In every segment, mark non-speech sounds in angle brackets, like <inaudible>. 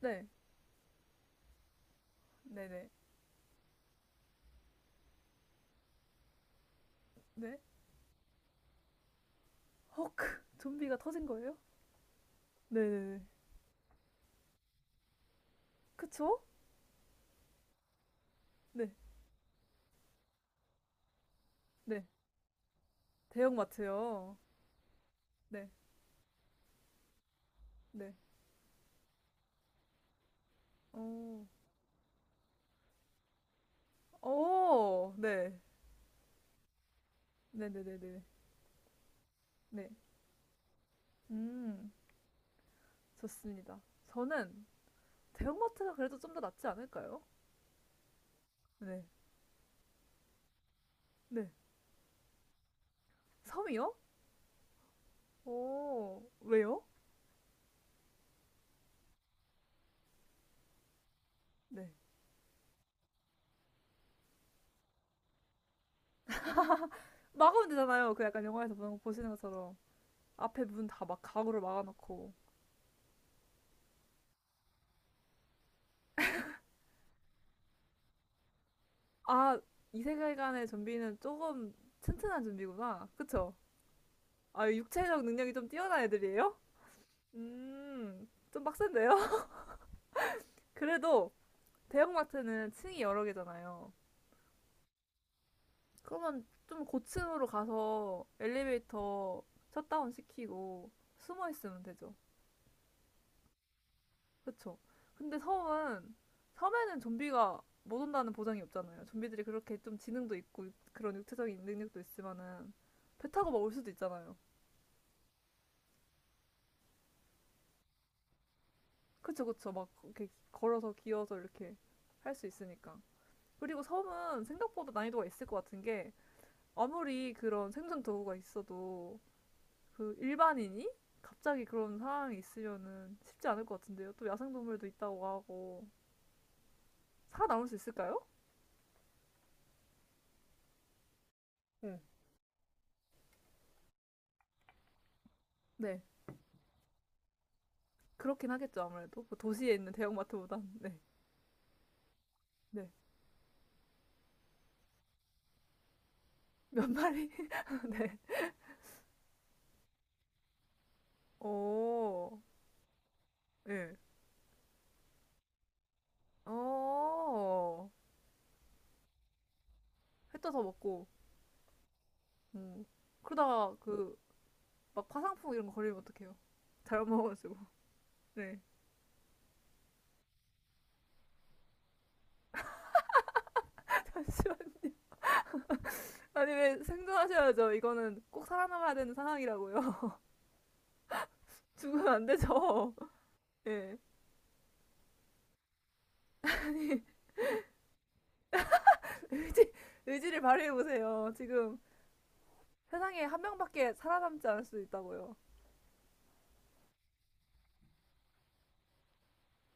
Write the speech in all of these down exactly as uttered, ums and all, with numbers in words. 네, 네네, 네. 헉, 좀비가 터진 거예요? 네네네. 그쵸? 네, 네. 대형마트요. 네, 네. 오, 오, 네. 네네네네. 네. 음, 좋습니다. 저는 대형마트가 그래도 좀 더 낫지 않을까요? 네, 네. 섬이요? 오, 왜요? 네. 막으면 되잖아요. 그 약간 영화에서 보는- 보시는 것처럼. 앞에 문 다 막 가구를 막아놓고. 아, 이 세계관의 좀비는 조금 튼튼한 좀비구나. 그쵸? 아, 육체적 능력이 좀 뛰어난 애들이에요? 음, 좀 빡센데요? <laughs> 그래도 대형마트는 층이 여러 개잖아요. 그러면 좀 고층으로 가서 엘리베이터 셧다운 시키고 숨어 있으면 되죠. 그쵸? 근데 섬은, 섬에는 좀비가 못 온다는 보장이 없잖아요. 좀비들이 그렇게 좀 지능도 있고 그런 육체적인 능력도 있지만은 배 타고 막 올 수도 있잖아요. 그쵸, 그쵸. 막 이렇게 걸어서 기어서 이렇게 할 수 있으니까. 그리고 섬은 생각보다 난이도가 있을 것 같은 게 아무리 그런 생존 도구가 있어도 그 일반인이 갑자기 그런 상황이 있으면은 쉽지 않을 것 같은데요. 또 야생동물도 있다고 하고 살아남을 수 있을까요? 응. 네. 그렇긴 하겠죠, 아무래도. 뭐 도시에 있는 대형마트보단. 네. 네. 몇 마리? <laughs> 네. 오. 예. 어. 햇 떠서 먹고. 음. 그러다가 그 막 화상풍 이런 거 걸리면 어떡해요? 잘못 먹어가지고. <laughs> 네. 잠시만. 아니, 왜 생존하셔야죠. 이거는 꼭 살아남아야 되는 상황이라고요. <laughs> 죽으면 안 되죠. <laughs> 예. 네. 아니, 의지, 의지를 발휘해보세요. 지금 세상에 한 명밖에 살아남지 않을 수도 있다고요.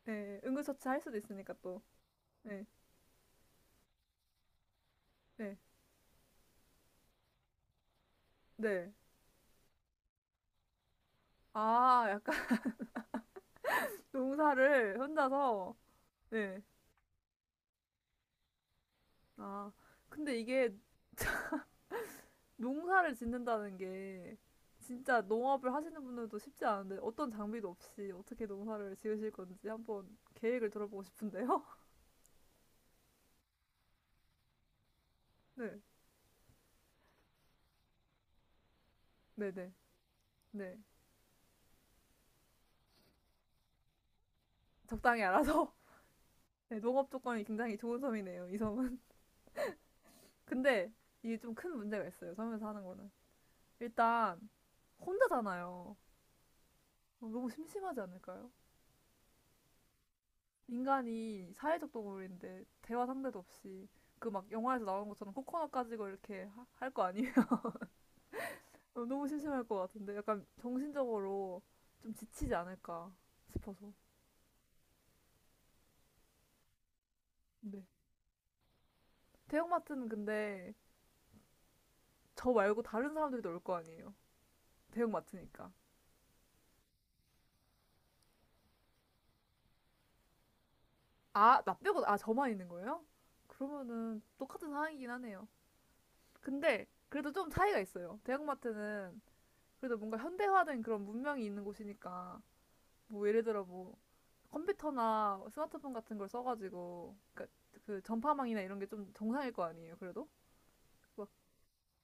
예. 네. 응급처치 할 수도 있으니까 또. 네 네. 네. 아, 약간 농사를 혼자서. 네. 아. 근데 이게 농사를 짓는다는 게 진짜 농업을 하시는 분들도 쉽지 않은데 어떤 장비도 없이 어떻게 농사를 지으실 건지 한번 계획을 들어보고 싶은데요. <laughs> 네, 네, 네, 네. 적당히 알아서. <laughs> 네, 농업 조건이 굉장히 좋은 섬이네요, 이 섬은. <laughs> 근데 이게 좀 큰 문제가 있어요, 섬에서 하는 거는. 일단 혼자잖아요. 어, 너무 심심하지 않을까요? 인간이 사회적 동물인데 대화 상대도 없이 그 막 영화에서 나오는 것처럼 코코넛 가지고 이렇게 할 거 아니에요? 어, 너무 심심할 것 같은데 약간 정신적으로 좀 지치지 않을까 싶어서. 네. 대형마트는 근데 저 말고 다른 사람들도 올 거 아니에요. 대형마트니까. 아, 나 빼고 아 저만 있는 거예요? 그러면은 똑같은 상황이긴 하네요. 근데 그래도 좀 차이가 있어요. 대형마트는 그래도 뭔가 현대화된 그런 문명이 있는 곳이니까 뭐 예를 들어 뭐 컴퓨터나 스마트폰 같은 걸 써가지고 그러니까 그 전파망이나 이런 게 좀 정상일 거 아니에요. 그래도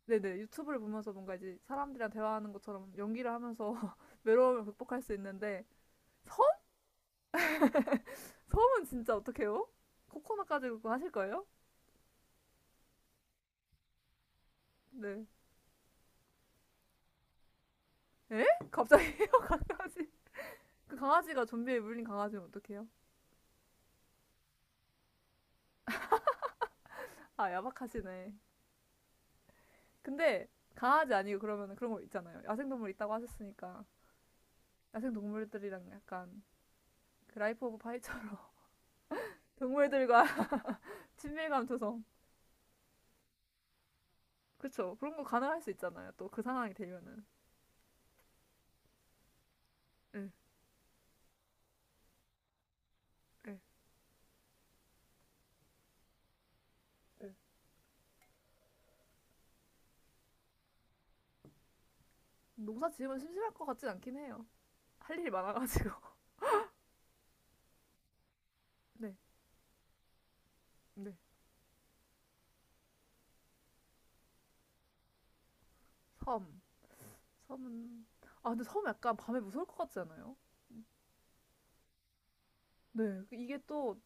네네. 유튜브를 보면서 뭔가 이제 사람들이랑 대화하는 것처럼 연기를 하면서 <laughs> 외로움을 극복할 수 있는데 섬? 섬은 진짜 어떡해요? 코코넛 가지고 그거 하실 거예요? 네. 에? 갑자기요? <laughs> 강아지. 그 강아지가 좀비에 물린 강아지면 어떡해요? 아, 야박하시네. 근데 강아지 아니고 그러면 그런 거 있잖아요. 야생동물 있다고 하셨으니까 야생동물들이랑 약간 그 라이프 오브 파이처럼 <laughs> 동물들과 <laughs> 친밀감 조성. 그쵸. 그런 거 가능할 수 있잖아요. 또 그 상황이 되면은. 응, 응, 응. 농사 지으면 심심할 것 같진 않긴 해요. 할 일이 많아가지고. <laughs> 네, 네. 섬. 섬은. 아, 근데 섬 약간 밤에 무서울 것 같지 않아요? 네. 그 이게 또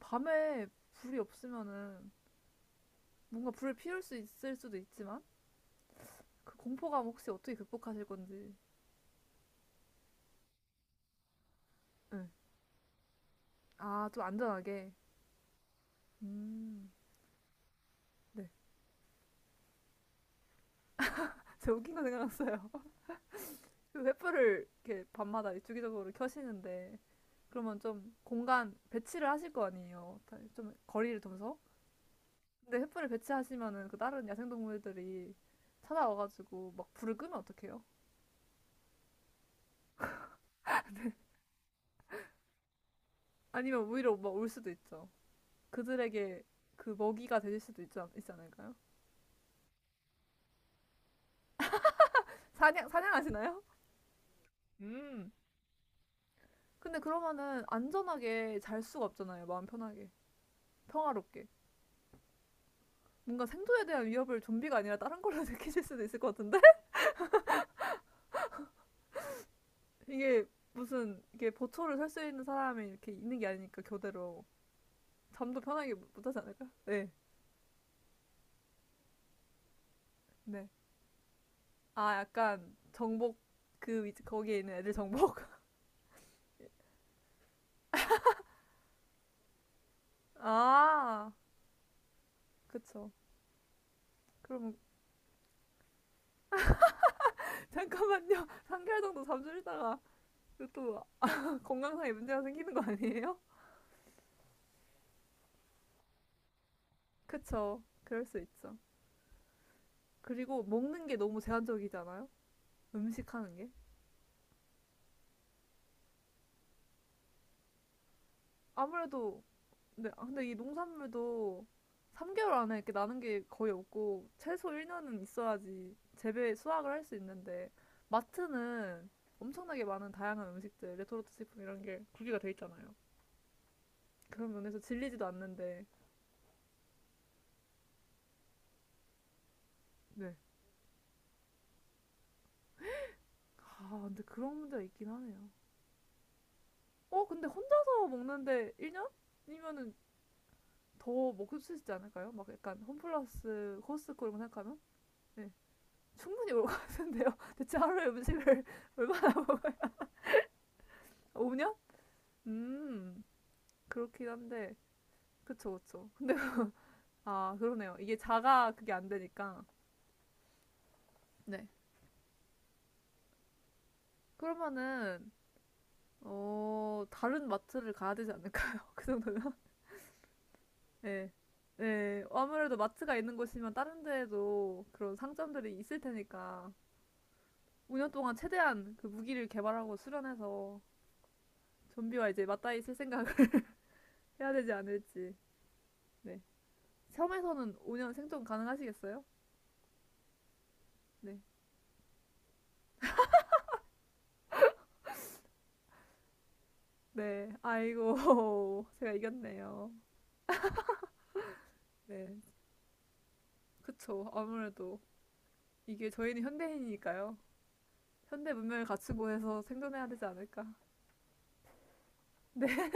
밤에 불이 없으면은 뭔가 불을 피울 수 있을 수도 있지만 그 공포감 혹시 어떻게 극복하실 건지. 네. 아, 좀 안전하게. 음. 네. <laughs> 제가 웃긴 거 생각났어요. <laughs> 그 횃불을 이렇게 밤마다 주기적으로 켜시는데 그러면 좀 공간 배치를 하실 거 아니에요. 좀 거리를 두면서. 근데 횃불을 배치하시면은 그 다른 야생동물들이 찾아와가지고 막 불을 끄면 어떡해요? 아니면 오히려 막 올 수도 있죠. 그들에게 그 먹이가 되실 수도 있지, 않, 있지 않을까요? 사냥, 사냥하시나요? 음. 근데 그러면은 안전하게 잘 수가 없잖아요. 마음 편하게. 평화롭게. 뭔가 생존에 대한 위협을 좀비가 아니라 다른 걸로 <laughs> 느끼실 수도 있을 것 같은데? <laughs> 이게 무슨, 이게 보초를 설 수 있는 사람이 이렇게 있는 게 아니니까, 교대로. 잠도 편하게 못- 하지 않을까요? 네. 네. 아, 약간 정복 그 위치 거기에 있는 애들 정복. <laughs> 아, 그쵸. 그럼 <laughs> 잠깐만요. <laughs> 삼 개월 정도 잠수했다가 또 <laughs> 건강상에 문제가 생기는 거 아니에요? <laughs> 그쵸. 그럴 수 있죠. 그리고 먹는 게 너무 제한적이잖아요. 음식 하는 게. 아무래도 네, 아, 근데 이 농산물도 삼 개월 안에 이렇게 나는 게 거의 없고 최소 일 년은 있어야지 재배 수확을 할 수 있는데 마트는 엄청나게 많은 다양한 음식들, 레토르트 식품 이런 게 구비가 돼 있잖아요. 그런 면에서 질리지도 않는데 네. 아, 근데 그런 문제가 있긴 하네요. 어, 근데 혼자서 먹는데 일 년이면은 더 먹을 수 있지 않을까요? 막 약간 홈플러스, 코스트코 이런 거 생각하면? 네. 충분히 올 것 같은데요. <laughs> 대체 하루에 음식을 <laughs> 얼마나 먹어요? 오 년? 음, 그렇긴 한데, 그쵸, 그쵸. 근데, <laughs> 아, 그러네요. 이게 자가 그게 안 되니까. 네. 그러면은, 어, 다른 마트를 가야 되지 않을까요? <laughs> 그 정도면? 네. 네. 아무래도 마트가 있는 곳이면 다른 데에도 그런 상점들이 있을 테니까, 오 년 동안 최대한 그 무기를 개발하고 수련해서 좀비와 이제 맞닿아 있을 생각을 <laughs> 해야 되지 않을지. 네. 섬에서는 오 년 생존 가능하시겠어요? 네. 네. 아이고, <laughs> 제가 이겼네요. 네, 그쵸. 아무래도 이게 저희는 현대인이니까요. 현대 문명을 갖추고 해서 생존해야 되지 않을까. 네.